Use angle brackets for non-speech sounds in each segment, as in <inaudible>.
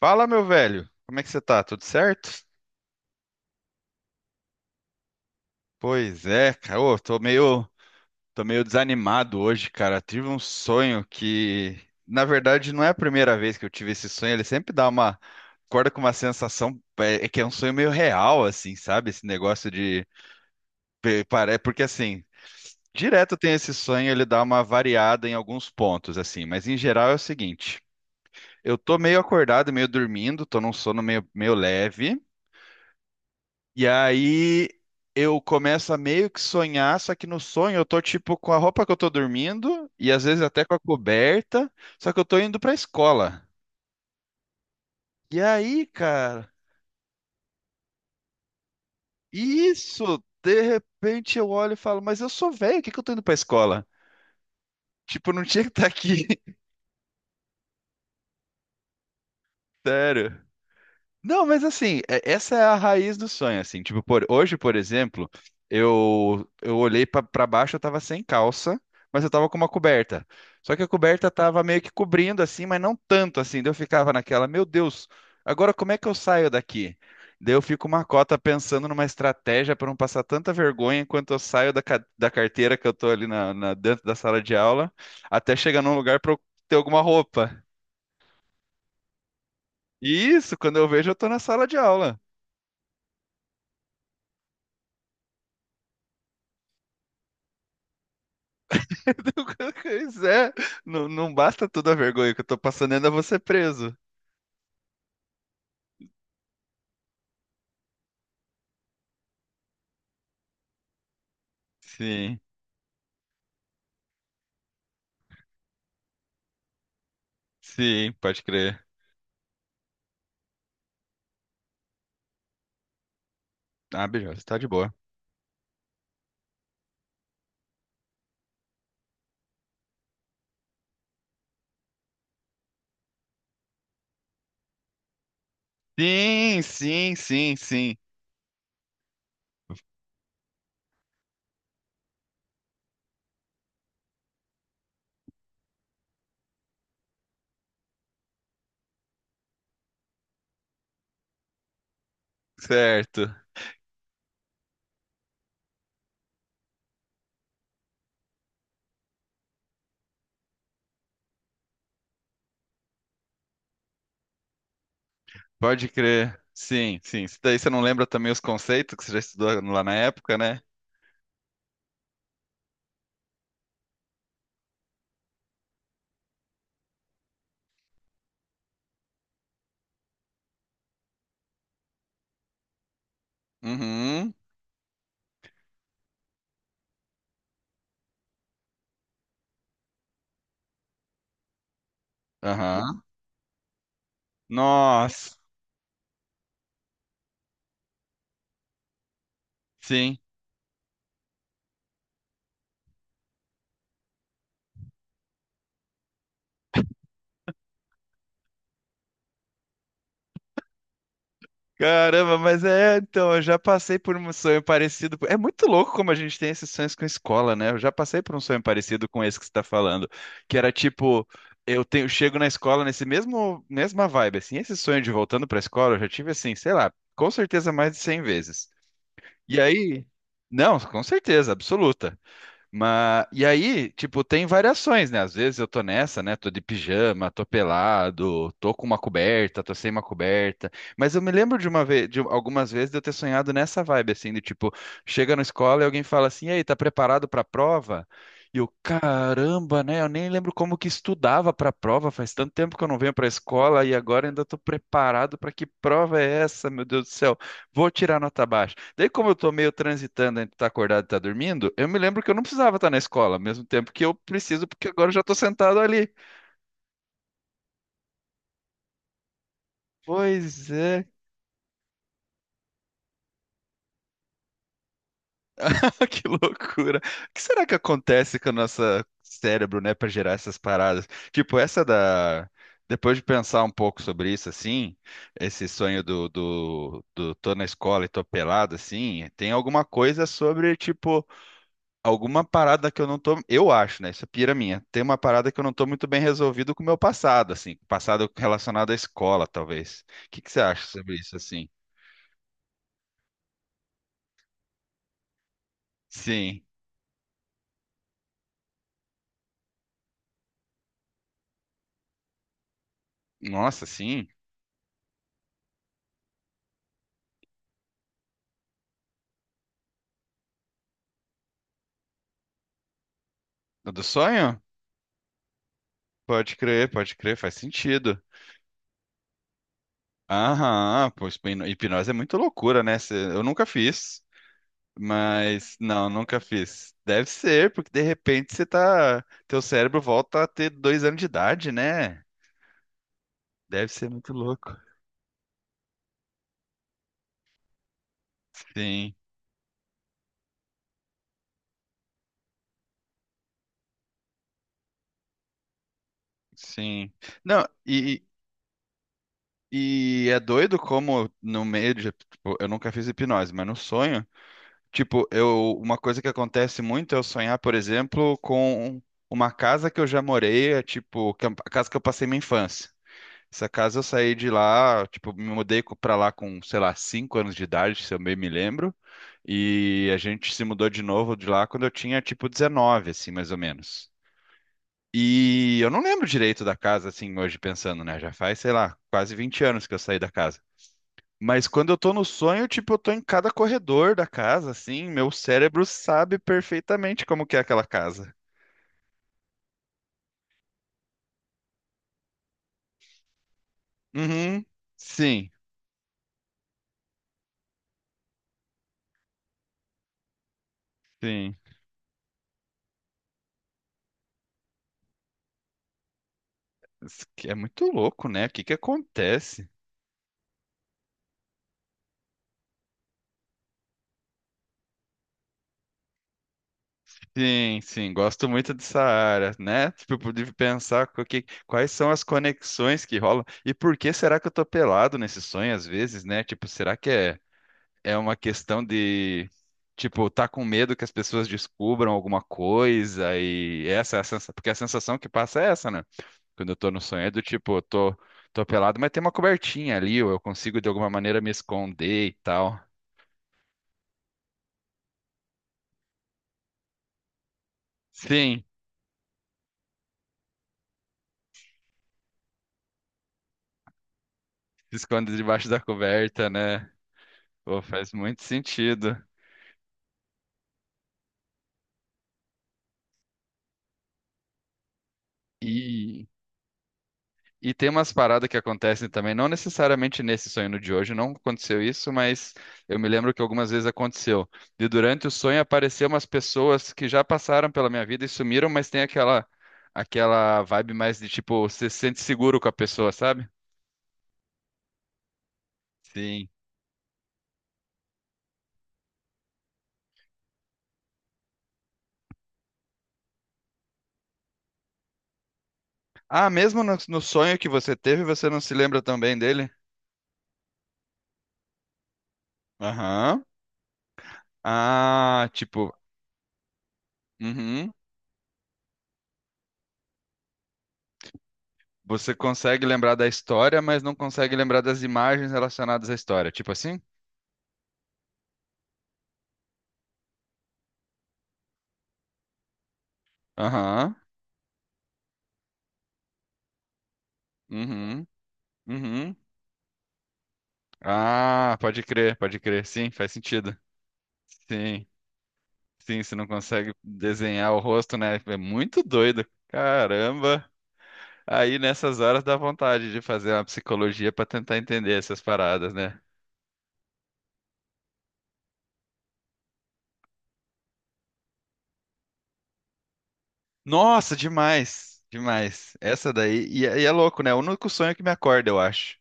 Fala, meu velho. Como é que você tá? Tudo certo? Pois é, cara. Ô, tô meio desanimado hoje, cara. Tive um sonho que, na verdade, não é a primeira vez que eu tive esse sonho. Ele sempre dá uma, acorda com uma sensação, é que é um sonho meio real, assim, sabe? Esse negócio de, pe- pare- Porque assim, direto tem esse sonho, ele dá uma variada em alguns pontos, assim. Mas em geral é o seguinte. Eu tô meio acordado, meio dormindo, tô num meio leve. E aí eu começo a meio que sonhar, só que no sonho eu tô tipo com a roupa que eu tô dormindo e às vezes até com a coberta, só que eu tô indo pra escola. E aí, cara, isso, de repente eu olho e falo, mas eu sou velho, o que que eu tô indo pra escola? Tipo, eu não tinha que estar aqui, <laughs> sério. Não, mas assim, essa é a raiz do sonho, assim. Tipo, por, hoje, por exemplo, eu olhei pra baixo, eu tava sem calça, mas eu tava com uma coberta. Só que a coberta tava meio que cobrindo assim, mas não tanto assim. Daí eu ficava naquela, meu Deus, agora como é que eu saio daqui? Daí eu fico uma cota pensando numa estratégia pra não passar tanta vergonha enquanto eu saio da carteira que eu tô ali dentro da sala de aula, até chegar num lugar pra eu ter alguma roupa. E isso, quando eu vejo, eu tô na sala de aula. <laughs> Pois é, não, não basta toda a vergonha que eu tô passando, ainda vou ser preso. Sim, sim, pode crer. Ah, beleza, tá de boa. Sim, sim, sim, sim, certo, pode crer. Sim, sim. Isso daí você não lembra também os conceitos que você já estudou lá na época, né? Uhum, aham. Nossa, sim. Caramba, mas é, então, eu já passei por um sonho parecido. É muito louco como a gente tem esses sonhos com escola, né? Eu já passei por um sonho parecido com esse que você está falando, que era tipo, eu tenho, chego na escola mesma vibe, assim, esse sonho de voltando para a escola, eu já tive assim, sei lá, com certeza mais de 100 vezes. E aí, não, com certeza, absoluta. Mas, e aí, tipo, tem variações, né? Às vezes eu tô nessa, né? Tô de pijama, tô pelado, tô com uma coberta, tô sem uma coberta. Mas eu me lembro de uma vez, de algumas vezes de eu ter sonhado nessa vibe, assim, de tipo, chega na escola e alguém fala assim, e aí, tá preparado pra prova? E eu, caramba, né? Eu nem lembro como que estudava pra prova, faz tanto tempo que eu não venho pra escola e agora ainda tô preparado pra que prova é essa, meu Deus do céu? Vou tirar nota baixa. Daí, como eu tô meio transitando entre estar acordado e estar dormindo, eu me lembro que eu não precisava estar na escola, ao mesmo tempo que eu preciso, porque agora eu já tô sentado ali. Pois é, <laughs> que loucura. O que será que acontece com o nosso cérebro, né, pra gerar essas paradas? Tipo, essa da. Depois de pensar um pouco sobre isso, assim, esse sonho do tô na escola e tô pelado, assim, tem alguma coisa sobre, tipo alguma parada que eu não tô, eu acho, né? Isso é pira minha. Tem uma parada que eu não tô muito bem resolvido com o meu passado, assim, passado relacionado à escola, talvez. O que que você acha sobre isso, assim? Sim. Nossa, sim. O do sonho? Pode crer, faz sentido. Aham, pô, hipnose é muito loucura, né? Eu nunca fiz, mas não, nunca fiz. Deve ser, porque de repente você tá, teu cérebro volta a ter 2 anos de idade, né? Deve ser muito louco. Sim. Sim. Não, e é doido como no meio de. Tipo, eu nunca fiz hipnose, mas no sonho, tipo, eu, uma coisa que acontece muito é eu sonhar, por exemplo, com uma casa que eu já morei, é, tipo, que é a casa que eu passei minha infância. Essa casa eu saí de lá, tipo, pra lá com, sei lá, 5 anos de idade, se eu bem me lembro. E a gente se mudou de novo de lá quando eu tinha, tipo, 19, assim, mais ou menos. E eu não lembro direito da casa, assim, hoje pensando, né? Já faz, sei lá, quase 20 anos que eu saí da casa. Mas quando eu tô no sonho, tipo, eu tô em cada corredor da casa, assim, meu cérebro sabe perfeitamente como que é aquela casa. Uhum. Sim, sim. Isso que é muito louco, né? O que que acontece? Sim, sim, gosto muito dessa área, né? Tipo, de pensar quais são as conexões que rolam e por que será que eu tô pelado nesse sonho às vezes, né? Tipo, será que é uma questão de, tipo, tá com medo que as pessoas descubram alguma coisa e essa é a sensação, porque a sensação que passa é essa, né? Quando eu tô no sonho é do tipo, tô pelado, mas tem uma cobertinha ali, ou eu consigo de alguma maneira me esconder e tal. Sim, se esconde debaixo da coberta, né? Pô, faz muito sentido. E E tem umas paradas que acontecem também, não necessariamente nesse sonho no de hoje, não aconteceu isso, mas eu me lembro que algumas vezes aconteceu. E durante o sonho apareceram umas pessoas que já passaram pela minha vida e sumiram, mas tem aquela vibe mais de tipo, você se sente seguro com a pessoa, sabe? Sim. Ah, mesmo no, no sonho que você teve, você não se lembra também dele? Aham. Ah, tipo, uhum. Você consegue lembrar da história, mas não consegue lembrar das imagens relacionadas à história, tipo assim? Aham. Uhum, uhum. Ah, pode crer, pode crer. Sim, faz sentido. Sim, sim, você não consegue desenhar o rosto, né? É muito doido. Caramba. Aí nessas horas dá vontade de fazer uma psicologia pra tentar entender essas paradas, né? Nossa, demais, demais. Essa daí, e é louco, né? O único sonho que me acorda, eu acho.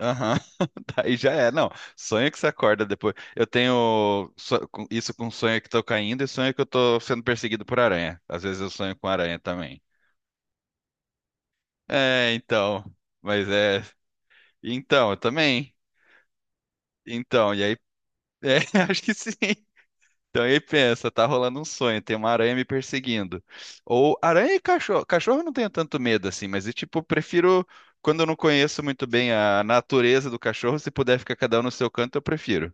Aham, <laughs> Daí já é. Não, sonho que você acorda depois. Eu tenho isso com sonho que tô caindo e sonho que eu tô sendo perseguido por aranha. Às vezes eu sonho com aranha também. É, então. Mas é. Então, eu também. Então, e aí. É, <laughs> acho que sim. Então, e aí pensa, tá rolando um sonho, tem uma aranha me perseguindo. Ou aranha e cachorro. Cachorro eu não tenho tanto medo assim, mas eu, tipo, prefiro. Quando eu não conheço muito bem a natureza do cachorro, se puder ficar cada um no seu canto, eu prefiro.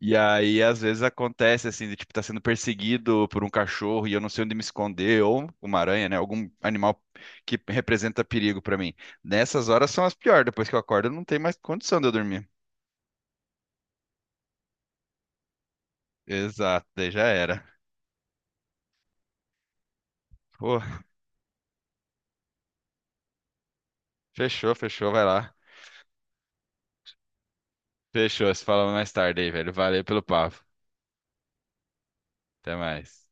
E aí, às vezes acontece assim, de tipo, tá sendo perseguido por um cachorro e eu não sei onde me esconder, ou uma aranha, né? Algum animal que representa perigo pra mim. Nessas horas são as piores, depois que eu acordo, não tem mais condição de eu dormir. Exato, daí já era. Pô, fechou, fechou, vai lá. Fechou, se fala mais tarde aí, velho. Valeu pelo papo. Até mais.